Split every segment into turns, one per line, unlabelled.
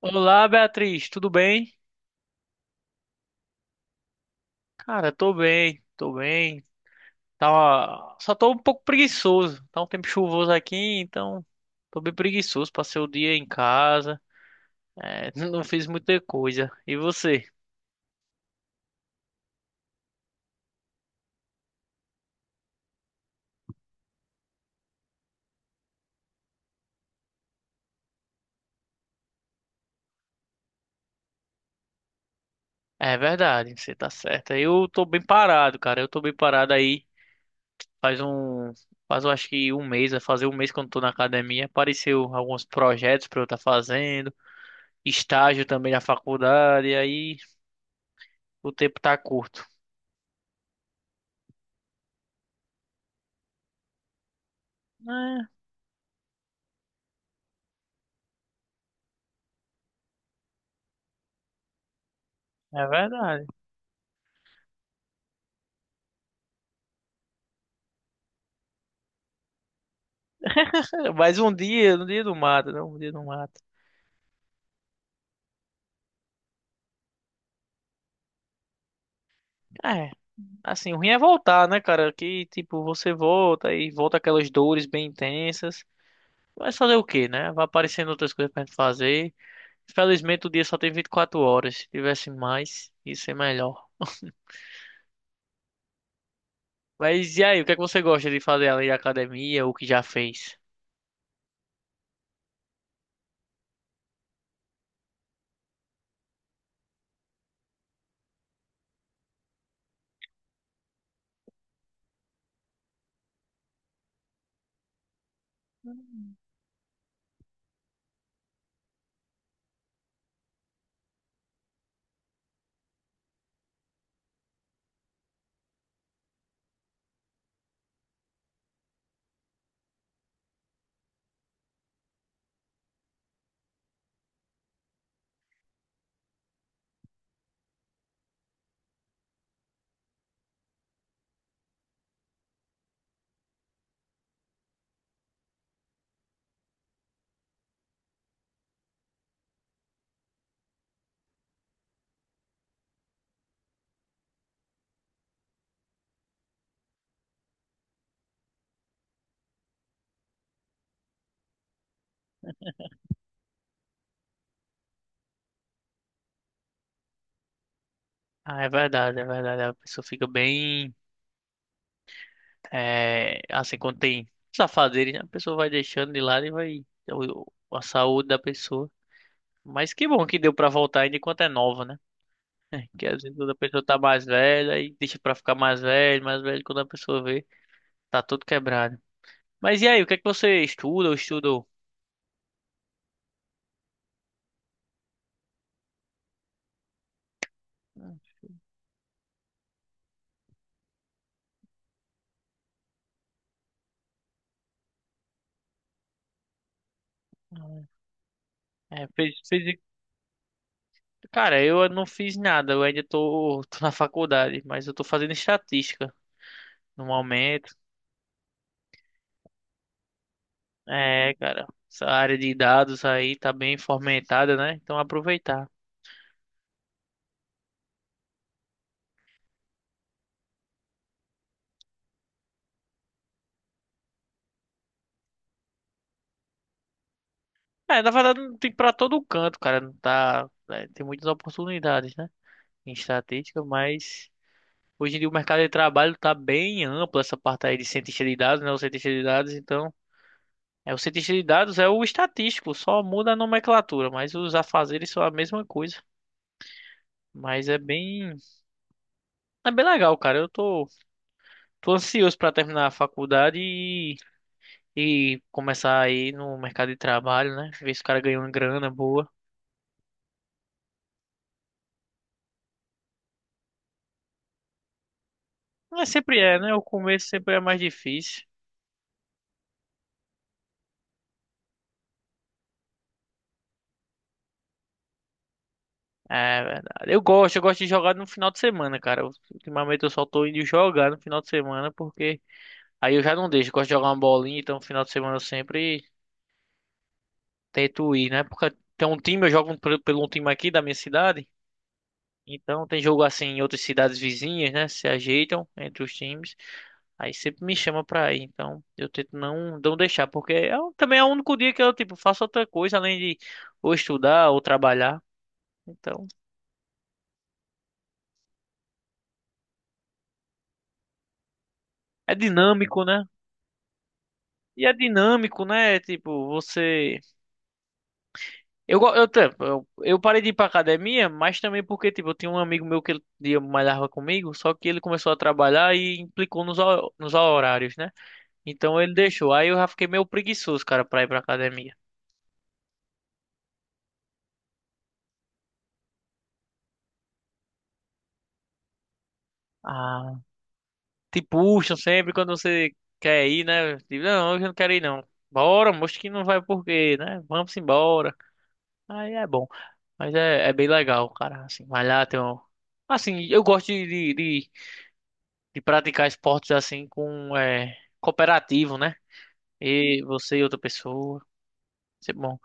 Olá, Beatriz, tudo bem? Cara, tô bem, tô bem. Tá Só tô um pouco preguiçoso. Tá um tempo chuvoso aqui, então tô bem preguiçoso. Passei o dia em casa, não fiz muita coisa. E você? É verdade, você tá certa. Eu tô bem parado, cara. Eu tô bem parado aí. Faz um. Faz, eu acho que um mês, vai fazer um mês que eu não tô na academia. Apareceu alguns projetos pra eu estar fazendo, estágio também na faculdade, e aí o tempo tá curto. É, é verdade. Mas um dia, um dia não mata, não. Um dia não mata. É, assim, o ruim é voltar, né, cara? Que, tipo, você volta e volta aquelas dores bem intensas. Mas fazer o quê, né? Vai aparecendo outras coisas pra gente fazer. Felizmente o dia só tem 24 horas. Se tivesse mais, ia ser melhor. Mas e aí, o que é que você gosta de fazer além da academia ou o que já fez? Ah, é verdade, é verdade. A pessoa fica bem. É, assim, quando tem os né? A pessoa vai deixando de lado e vai. o- A saúde da pessoa. Mas que bom que deu pra voltar ainda enquanto é nova, né? Que às vezes quando a pessoa tá mais velha e deixa pra ficar mais velho, quando a pessoa vê, tá tudo quebrado. Mas e aí, o que é que você estuda ou estudou? É, fez... Cara, eu não fiz nada, eu ainda tô na faculdade, mas eu tô fazendo estatística no momento. É, cara, essa área de dados aí tá bem fomentada, né? Então aproveitar. É, na verdade não tem pra todo canto, cara, não tá, é, tem muitas oportunidades, né? Em estatística, mas hoje em dia o mercado de trabalho está bem amplo, essa parte aí de cientista de dados, né? O cientista de dados, então. É, o cientista de dados é o estatístico, só muda a nomenclatura, mas os afazeres são a mesma coisa. Mas é bem legal, cara. Eu tô, tô ansioso para terminar a faculdade e começar aí no mercado de trabalho, né? Ver se o cara ganha uma grana boa. Mas sempre é, né? O começo sempre é mais difícil. É verdade. Eu gosto de jogar no final de semana, cara. Ultimamente eu só tô indo jogar no final de semana porque aí eu já não deixo, gosto de jogar uma bolinha, então no final de semana eu sempre tento ir, né? Porque tem um time, eu jogo pelo um time aqui da minha cidade, então tem jogo assim em outras cidades vizinhas, né? Se ajeitam entre os times, aí sempre me chama pra ir, então eu tento não, não deixar, porque também é o único dia que eu, tipo, faço outra coisa além de ou estudar ou trabalhar, então é dinâmico, né? E é dinâmico, né? Tipo, você. Eu, go- eu, te- eu parei de ir pra academia, mas também porque, tipo, eu tinha um amigo meu que ele malhava comigo, só que ele começou a trabalhar e implicou nos horários, né? Então ele deixou. Aí eu já fiquei meio preguiçoso, cara, pra ir pra academia. Ah, te puxam sempre quando você quer ir, né? Tipo, não, hoje eu não quero ir, não. Bora, moço que não vai por quê, né? Vamos embora. Aí é bom. Mas é, é bem legal, cara, assim, malhar, tem um... Assim, eu gosto de praticar esportes assim com é, cooperativo, né? E você e outra pessoa. Isso é bom.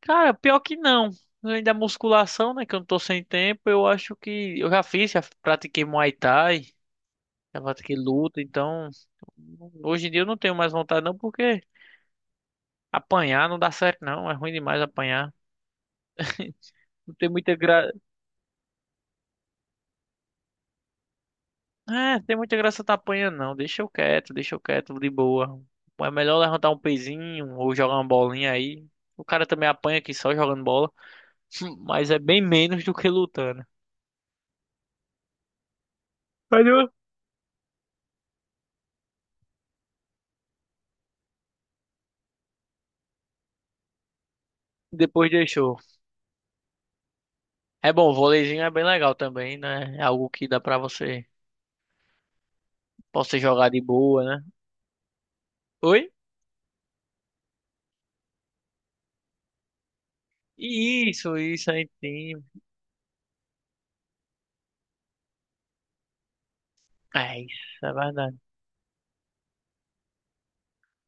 Cara, pior que não. Além da musculação, né? Que eu não tô sem tempo, eu acho que eu já fiz, já pratiquei Muay Thai, já pratiquei luta, então hoje em dia eu não tenho mais vontade não, porque apanhar não dá certo não, é ruim demais apanhar. Não tem muita gra... É, tem muita graça tá apanhando, não. Deixa eu quieto, de boa. É melhor levantar um pezinho ou jogar uma bolinha aí. O cara também apanha aqui só jogando bola, mas é bem menos do que lutando. Mas eu- Depois deixou. É bom, o voleizinho é bem legal também, né? É algo que dá pra você, possa jogar de boa, né? Oi? Isso aí sim. É isso, é verdade.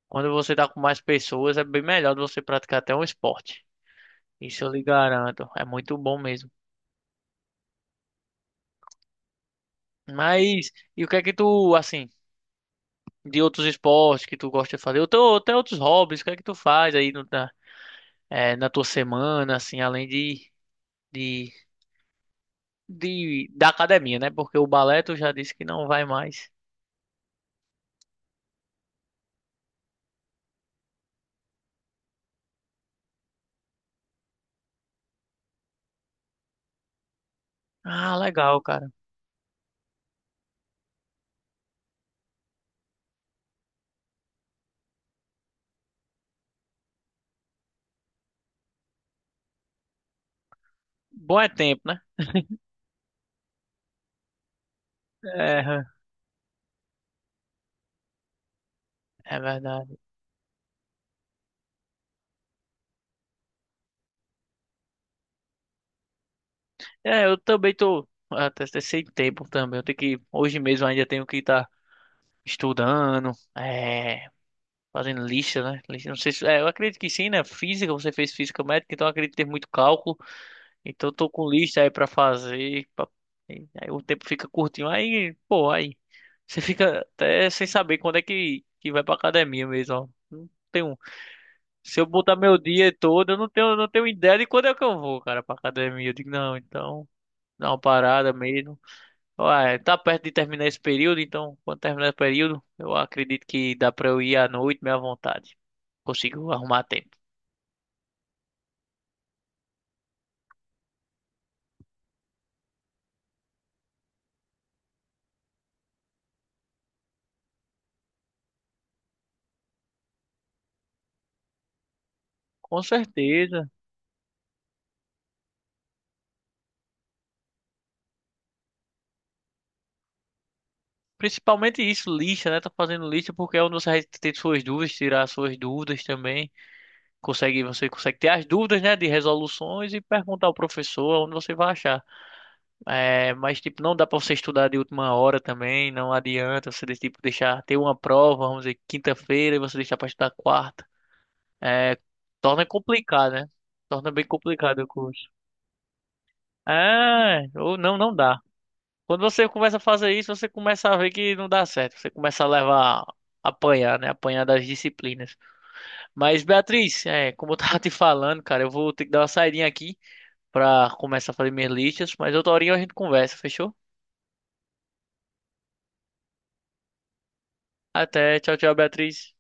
Quando você tá com mais pessoas, é bem melhor de você praticar até um esporte. Isso eu lhe garanto. É muito bom mesmo. Mas, e o que é que tu, assim, de outros esportes que tu gosta de fazer? Ou tem outros hobbies, o que é que tu faz aí na, é, na tua semana, assim, além de, de, da academia, né? Porque o balé tu já disse que não vai mais. Ah, legal, cara. Bom é tempo, né? É, é verdade. É, eu também tô até sem tempo também. Eu tenho que, hoje mesmo ainda tenho que estar estudando, é, fazendo lista, né? Lista, não sei se, é, eu acredito que sim, né? Física, você fez física médica, então eu acredito ter muito cálculo. Então eu tô com lista aí pra fazer. Aí o tempo fica curtinho. Aí, pô, aí você fica até sem saber quando é que vai pra academia mesmo, ó. Não tenho, se eu botar meu dia todo, eu não tenho, não tenho ideia de quando é que eu vou, cara, pra academia. Eu digo, não, então, dá uma parada mesmo. Ué, tá perto de terminar esse período, então, quando terminar esse período, eu acredito que dá pra eu ir à noite, meio à vontade. Consigo arrumar tempo. Com certeza. Principalmente isso, lista, né? Tá fazendo lista porque é onde você vai ter suas dúvidas, tirar suas dúvidas também. Consegue, você consegue ter as dúvidas, né? De resoluções e perguntar ao professor onde você vai achar. É, mas, tipo, não dá pra você estudar de última hora também. Não adianta você, tipo, deixar ter uma prova, vamos dizer, quinta-feira e você deixar pra estudar quarta. É, torna complicado, né? Torna bem complicado o curso. É, ou não, não dá. Quando você começa a fazer isso, você começa a ver que não dá certo. Você começa a levar, apanhar, né? Apanhar das disciplinas. Mas, Beatriz, é, como eu tava te falando, cara, eu vou ter que dar uma saidinha aqui pra começar a fazer minhas listas. Mas outra horinha a gente conversa, fechou? Até, tchau, tchau, Beatriz.